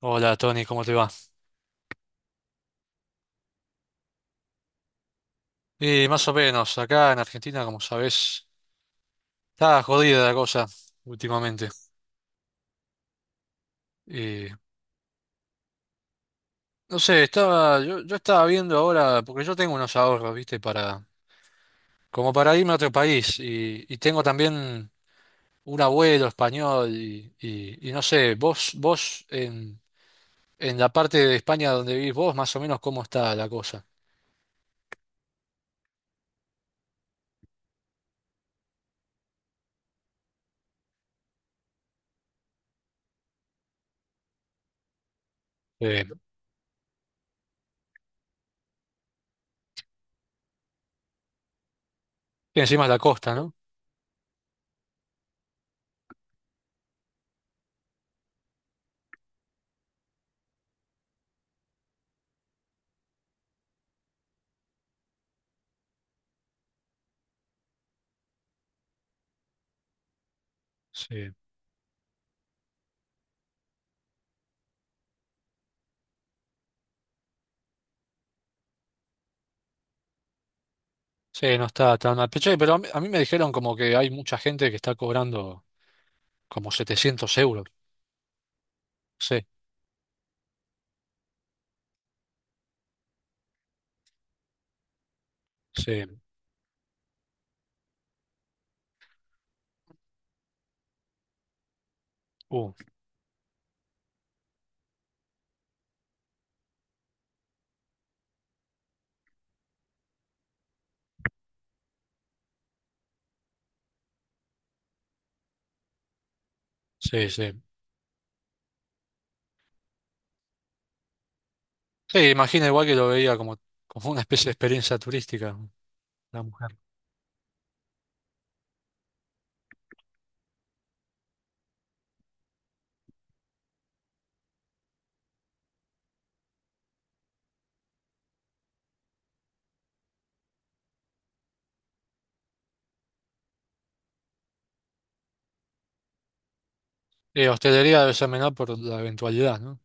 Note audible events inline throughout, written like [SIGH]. Hola Tony, ¿cómo te va? Y más o menos, acá en Argentina, como sabés, está jodida la cosa últimamente. Y no sé, estaba, yo estaba viendo ahora, porque yo tengo unos ahorros, ¿viste? Para, como para irme a otro país. Y tengo también un abuelo español y no sé, vos en, en la parte de España donde vivís vos, más o menos, ¿cómo está la cosa? Eh, y encima es la costa, ¿no? Sí. Sí, no está tan mal. Pero che, pero a mí me dijeron como que hay mucha gente que está cobrando. Como 700 euros. Sí, sí, uh, sí, sí. Sí, imagina igual que lo veía como, como una especie de experiencia turística, ¿no? La mujer. Y hostelería debe ser menor por la eventualidad, ¿no?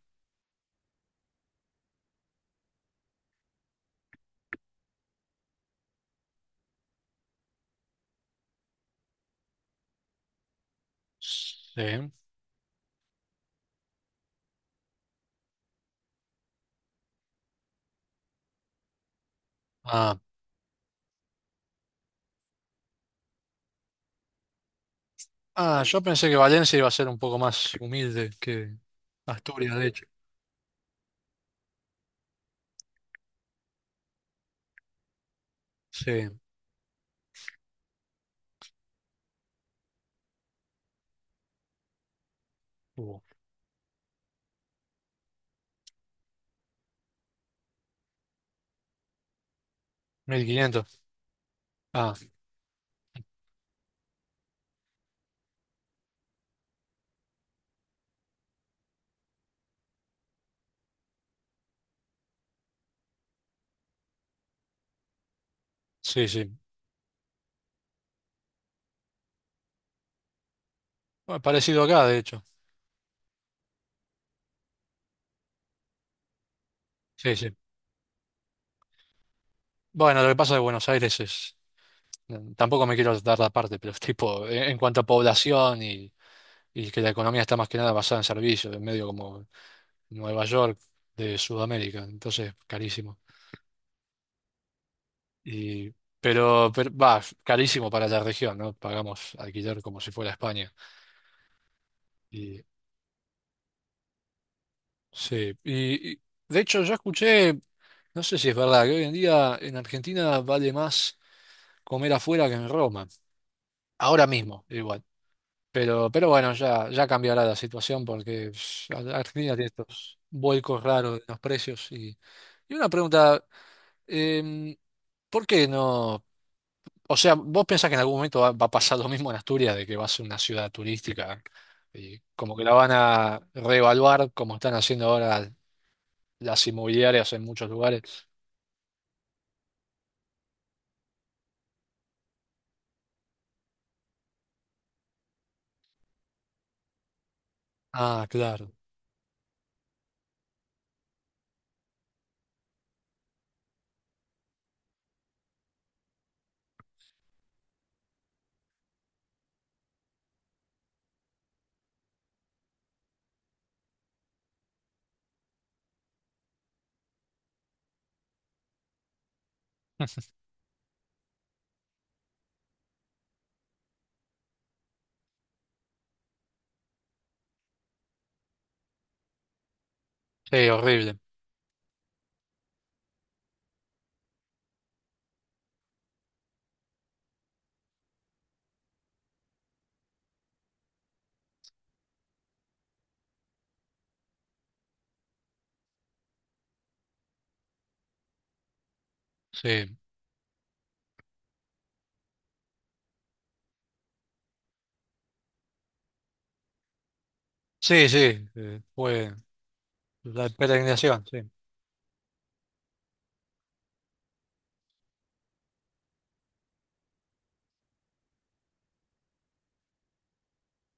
Sí. Ah, ah, yo pensé que Valencia iba a ser un poco más humilde que Asturias, de hecho. Sí, uh, 1.500. Ah, sí, sí. Bueno, parecido acá, de hecho. Sí, sí. Bueno, lo que pasa de Buenos Aires es... Tampoco me quiero dar la parte, pero es tipo, en cuanto a población y que la economía está más que nada basada en servicios, en medio como Nueva York de Sudamérica, entonces carísimo. Y, pero, va, carísimo para la región, ¿no? Pagamos alquiler como si fuera España. Y, sí, de hecho yo escuché, no sé si es verdad, que hoy en día en Argentina vale más comer afuera que en Roma, ahora mismo, igual. Pero bueno, ya cambiará la situación porque pss, Argentina tiene estos vuelcos raros en los precios. Y una pregunta, em, ¿por qué no? O sea, ¿vos pensás que en algún momento va a pasar lo mismo en Asturias, de que va a ser una ciudad turística y como que la van a reevaluar como están haciendo ahora las inmobiliarias en muchos lugares? Ah, claro. Sí, horrible. Sí. Sí, sí. Fue la peregrinación, sí.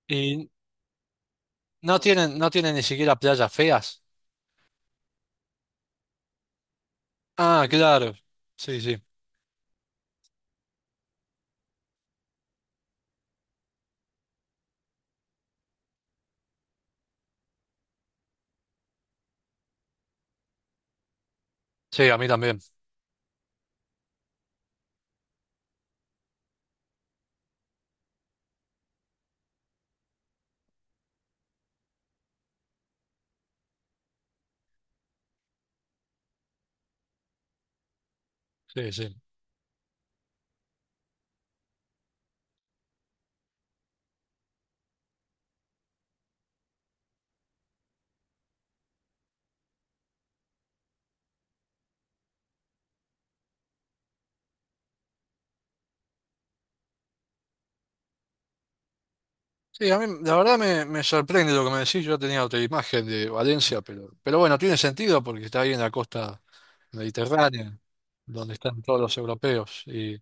Y no tienen ni siquiera playas feas. Ah, claro. Sí, sí. Sí, a mí también. Sí, sí. Sí, a mí la verdad me sorprende lo que me decís. Yo tenía otra imagen de Valencia, pero bueno, tiene sentido porque está ahí en la costa mediterránea, donde están todos los europeos.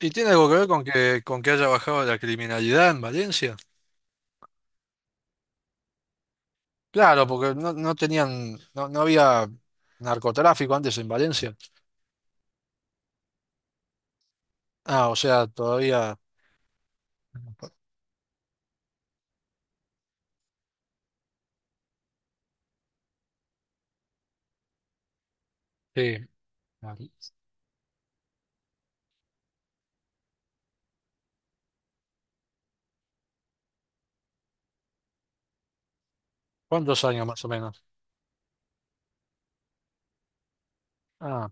Y tiene algo que ver con que haya bajado la criminalidad en Valencia. Claro, porque no, no tenían, no, no había narcotráfico antes en Valencia. Ah, o sea, todavía. Sí. ¿Cuántos años más o menos? Ah,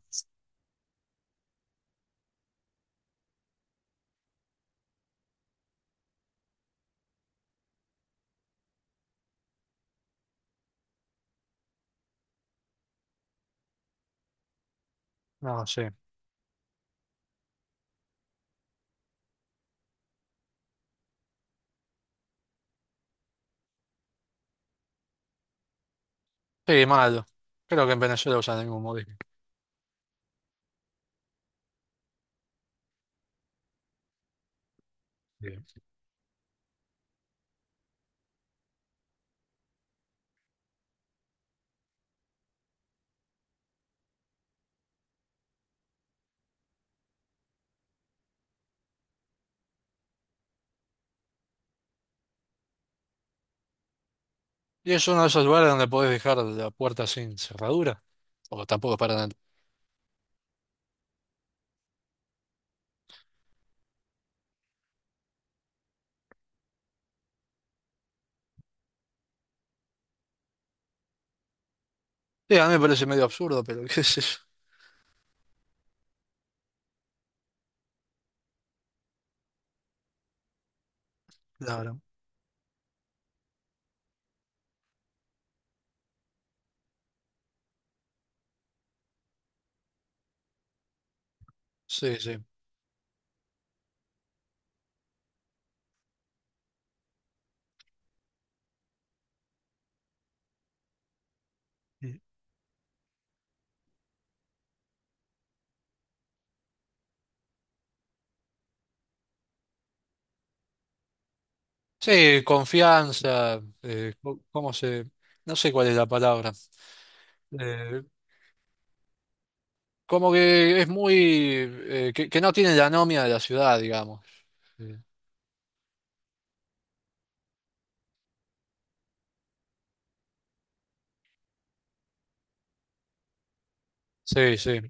no sé. Sí, malo. Creo que en Venezuela usan el mismo modelo. Y es uno de esos lugares donde podés dejar la puerta sin cerradura. O tampoco para nada. Sí, a mí me parece medio absurdo, pero [LAUGHS] qué sé yo. Claro. Sí, sí. Sí, confianza, co- cómo se... No sé cuál es la palabra. Eh, Como que es muy... que no tiene la anomia de la ciudad, digamos. Eh, Sí, sí.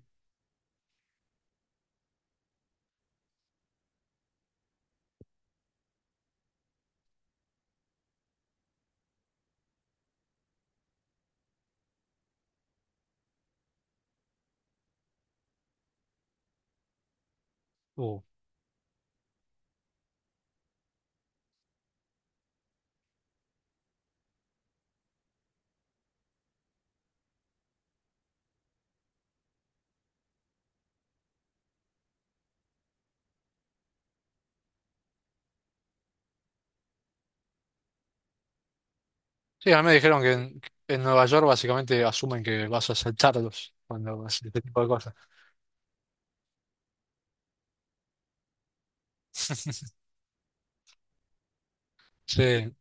Uh. Sí, a mí me dijeron que en Nueva York básicamente asumen que vas a asaltarlos cuando haces este tipo de cosas. Sí.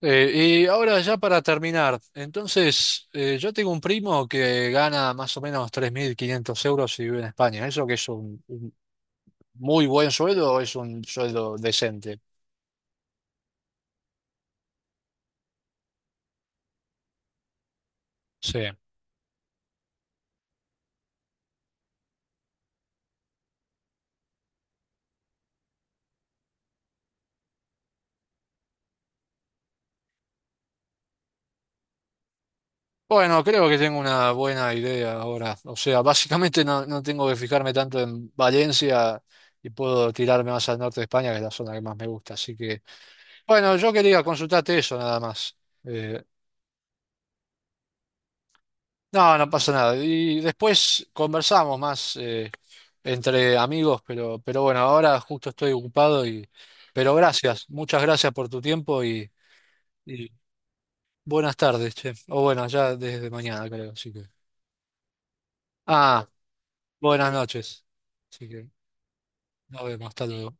Y ahora ya para terminar, entonces yo tengo un primo que gana más o menos 3.500 euros y vive en España. ¿Eso que es un muy buen sueldo o es un sueldo decente? Sí. Bueno, creo que tengo una buena idea ahora. O sea, básicamente no, no tengo que fijarme tanto en Valencia y puedo tirarme más al norte de España, que es la zona que más me gusta. Así que, bueno, yo quería consultarte eso nada más. Eh, no, no pasa nada. Y después conversamos más. Entre amigos, pero bueno, ahora justo estoy ocupado y, pero gracias, muchas gracias por tu tiempo y buenas tardes, che. O bueno, ya desde mañana creo, así que. Ah, buenas noches. Así que nos vemos, hasta luego.